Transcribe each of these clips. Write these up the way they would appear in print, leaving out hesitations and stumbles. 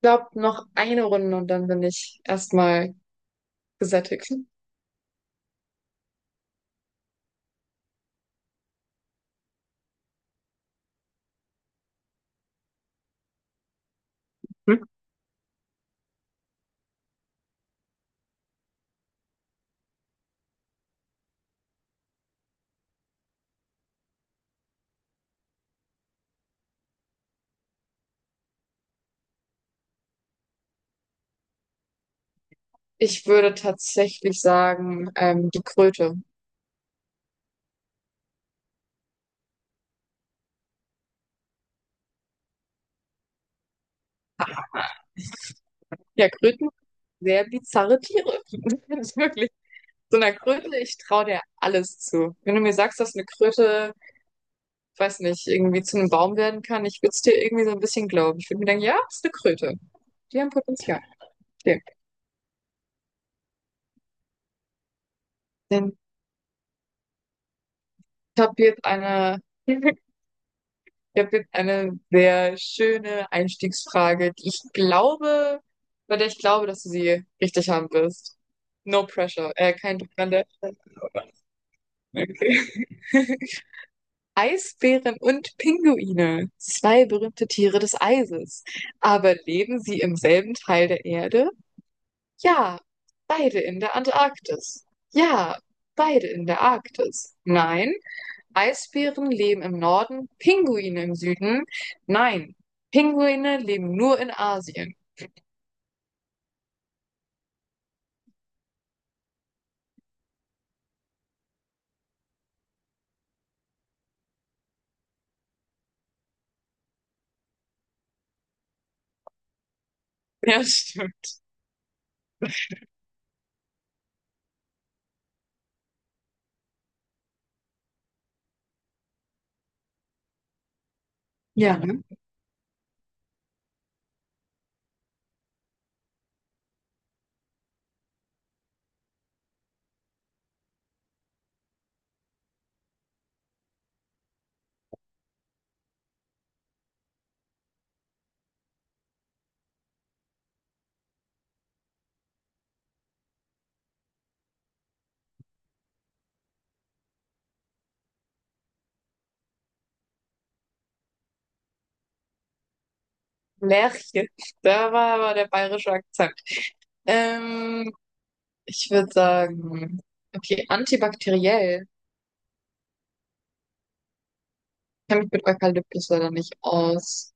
Glaube, noch eine Runde und dann bin ich erstmal gesättigt. Ich würde tatsächlich sagen, die Kröte. Ja, Kröten, sehr bizarre Tiere. Wirklich. So einer Kröte, ich traue der alles zu. Wenn du mir sagst, dass eine Kröte, ich weiß nicht, irgendwie zu einem Baum werden kann, ich würde es dir irgendwie so ein bisschen glauben. Ich würde mir denken, ja, ist eine Kröte. Die haben Potenzial. Okay. Dann, ich habe jetzt eine ich habe jetzt eine sehr schöne Einstiegsfrage, bei der ich glaube, dass du sie richtig haben wirst. No pressure. Kein Druck an der Stelle. Okay. Eisbären und Pinguine, zwei berühmte Tiere des Eises. Aber leben sie im selben Teil der Erde? Ja, beide in der Antarktis. Ja, beide in der Arktis. Nein, Eisbären leben im Norden, Pinguine im Süden. Nein, Pinguine leben nur in Asien. Ja, stimmt. Ja, ne? Lerche. Da war aber der bayerische Akzent. Ähm, Ich würde sagen, okay, antibakteriell. Ich kenne mich mit Eukalyptus leider nicht aus.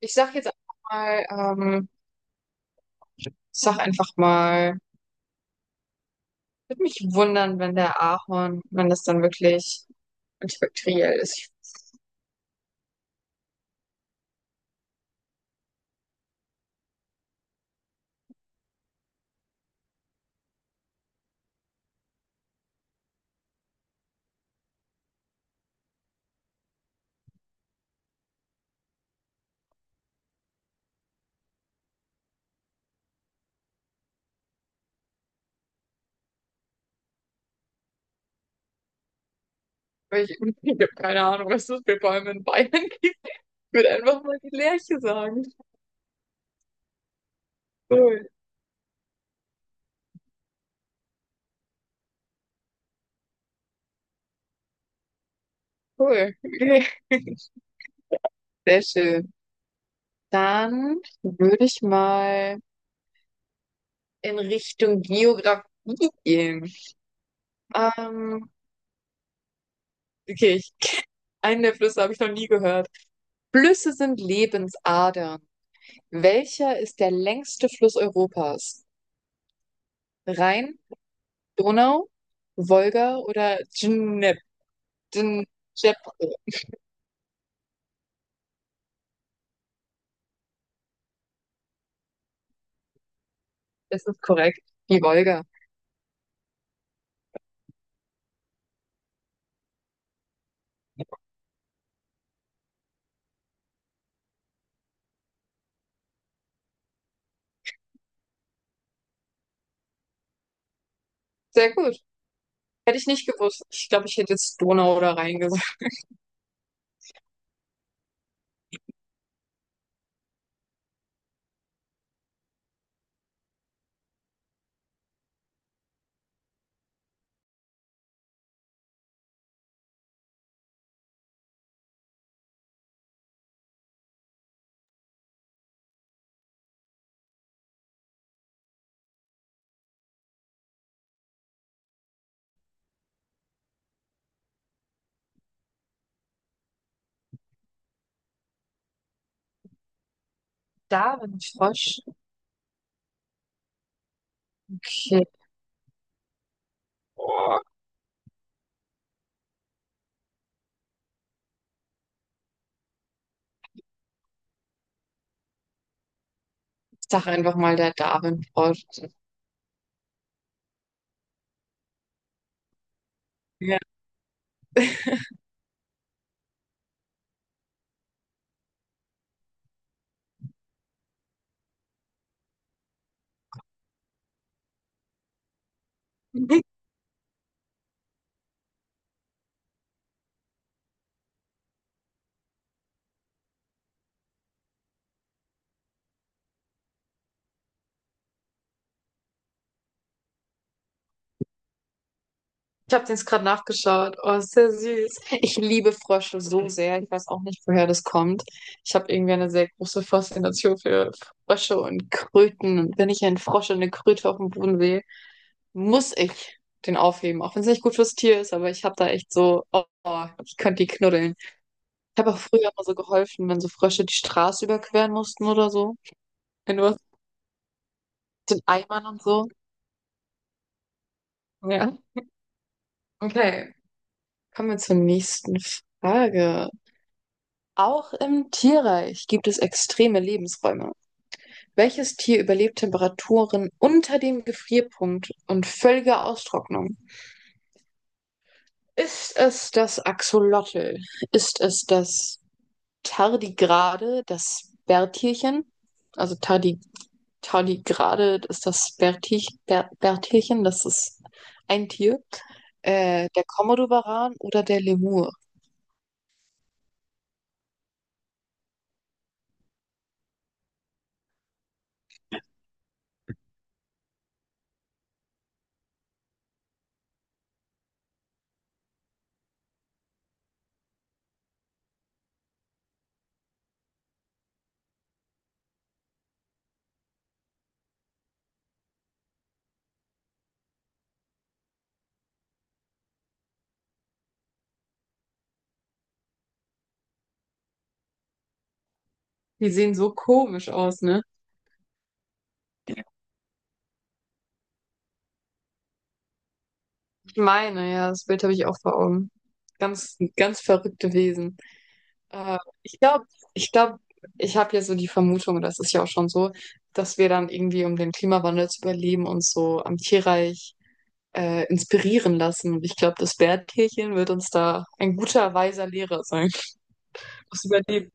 Ich sag jetzt einfach mal, ähm, ich sag einfach mal, würde mich wundern, wenn der Ahorn, wenn das dann wirklich antibakteriell ist. Weil ich, ich habe keine Ahnung, was das für Bäume in Bayern gibt. Ich würde einfach mal die Lerche sagen. Cool, cool. Okay. Sehr schön. Dann würde ich mal in Richtung Geografie gehen. Ähm, okay, ich, einen der Flüsse habe ich noch nie gehört. Flüsse sind Lebensadern. Welcher ist der längste Fluss Europas? Rhein, Donau, Wolga oder Dnep? Dnepr? Das ist korrekt. Die Wolga. Sehr gut. Hätte ich nicht gewusst. Ich glaube, ich hätte jetzt Donau oder Rhein gesagt. Davenport. Okay. Oh, ich sag einfach mal der Davenport. Ja. Ich habe den jetzt gerade nachgeschaut. Oh, ist sehr süß. Ich liebe Frösche so sehr. Ich weiß auch nicht, woher das kommt. Ich habe irgendwie eine sehr große Faszination für Frösche und Kröten. Und wenn ich einen Frosch und eine Kröte auf dem Boden sehe, muss ich den aufheben. Auch wenn es nicht gut fürs Tier ist, aber ich habe da echt so, oh, ich könnte die knuddeln. Ich habe auch früher immer so geholfen, wenn so Frösche die Straße überqueren mussten oder so. Wenn du was mit den Eimern und so. Ja. Okay, kommen wir zur nächsten Frage. Auch im Tierreich gibt es extreme Lebensräume. Welches Tier überlebt Temperaturen unter dem Gefrierpunkt und völlige Austrocknung? Ist es das Axolotl? Ist es das Tardigrade, das Bärtierchen? Also Tardigrade ist das Bertelchen, das ist ein Tier. Der Komodowaran oder der Lemur. Die sehen so komisch aus, ne? Ich meine, ja, das Bild habe ich auch vor Augen. Ganz, ganz verrückte Wesen. Äh, ich glaube, ich glaube, ich habe ja so die Vermutung, das ist ja auch schon so, dass wir dann irgendwie, um den Klimawandel zu überleben, uns so am Tierreich inspirieren lassen. Und ich glaube, das Bärtierchen wird uns da ein guter, weiser Lehrer sein. Das Überleben.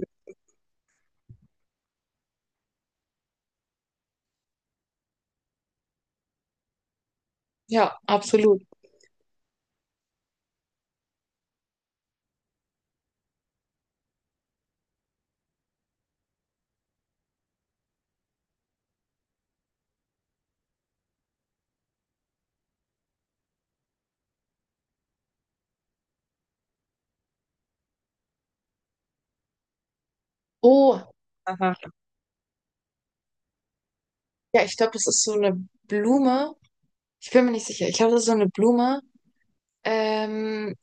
Ja, absolut. Oh, aha, ja, ich glaube, das ist so eine Blume. Ich bin mir nicht sicher. Ich glaube, das ist so eine Blume, ähm,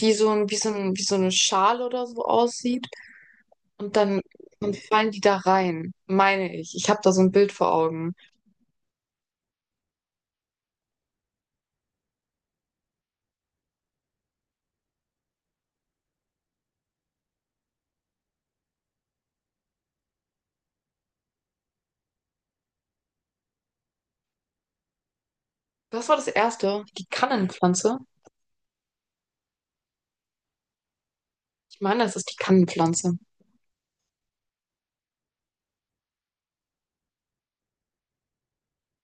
die so ein, wie so ein, wie so eine Schale oder so aussieht. Und dann, dann fallen die da rein, meine ich. Ich habe da so ein Bild vor Augen. Was war das erste? Die Kannenpflanze? Ich meine, das ist die Kannenpflanze.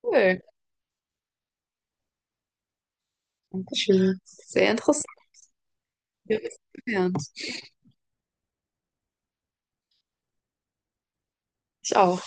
Cool. Dankeschön. Sehr interessant. Ja, das gelernt. Ich auch.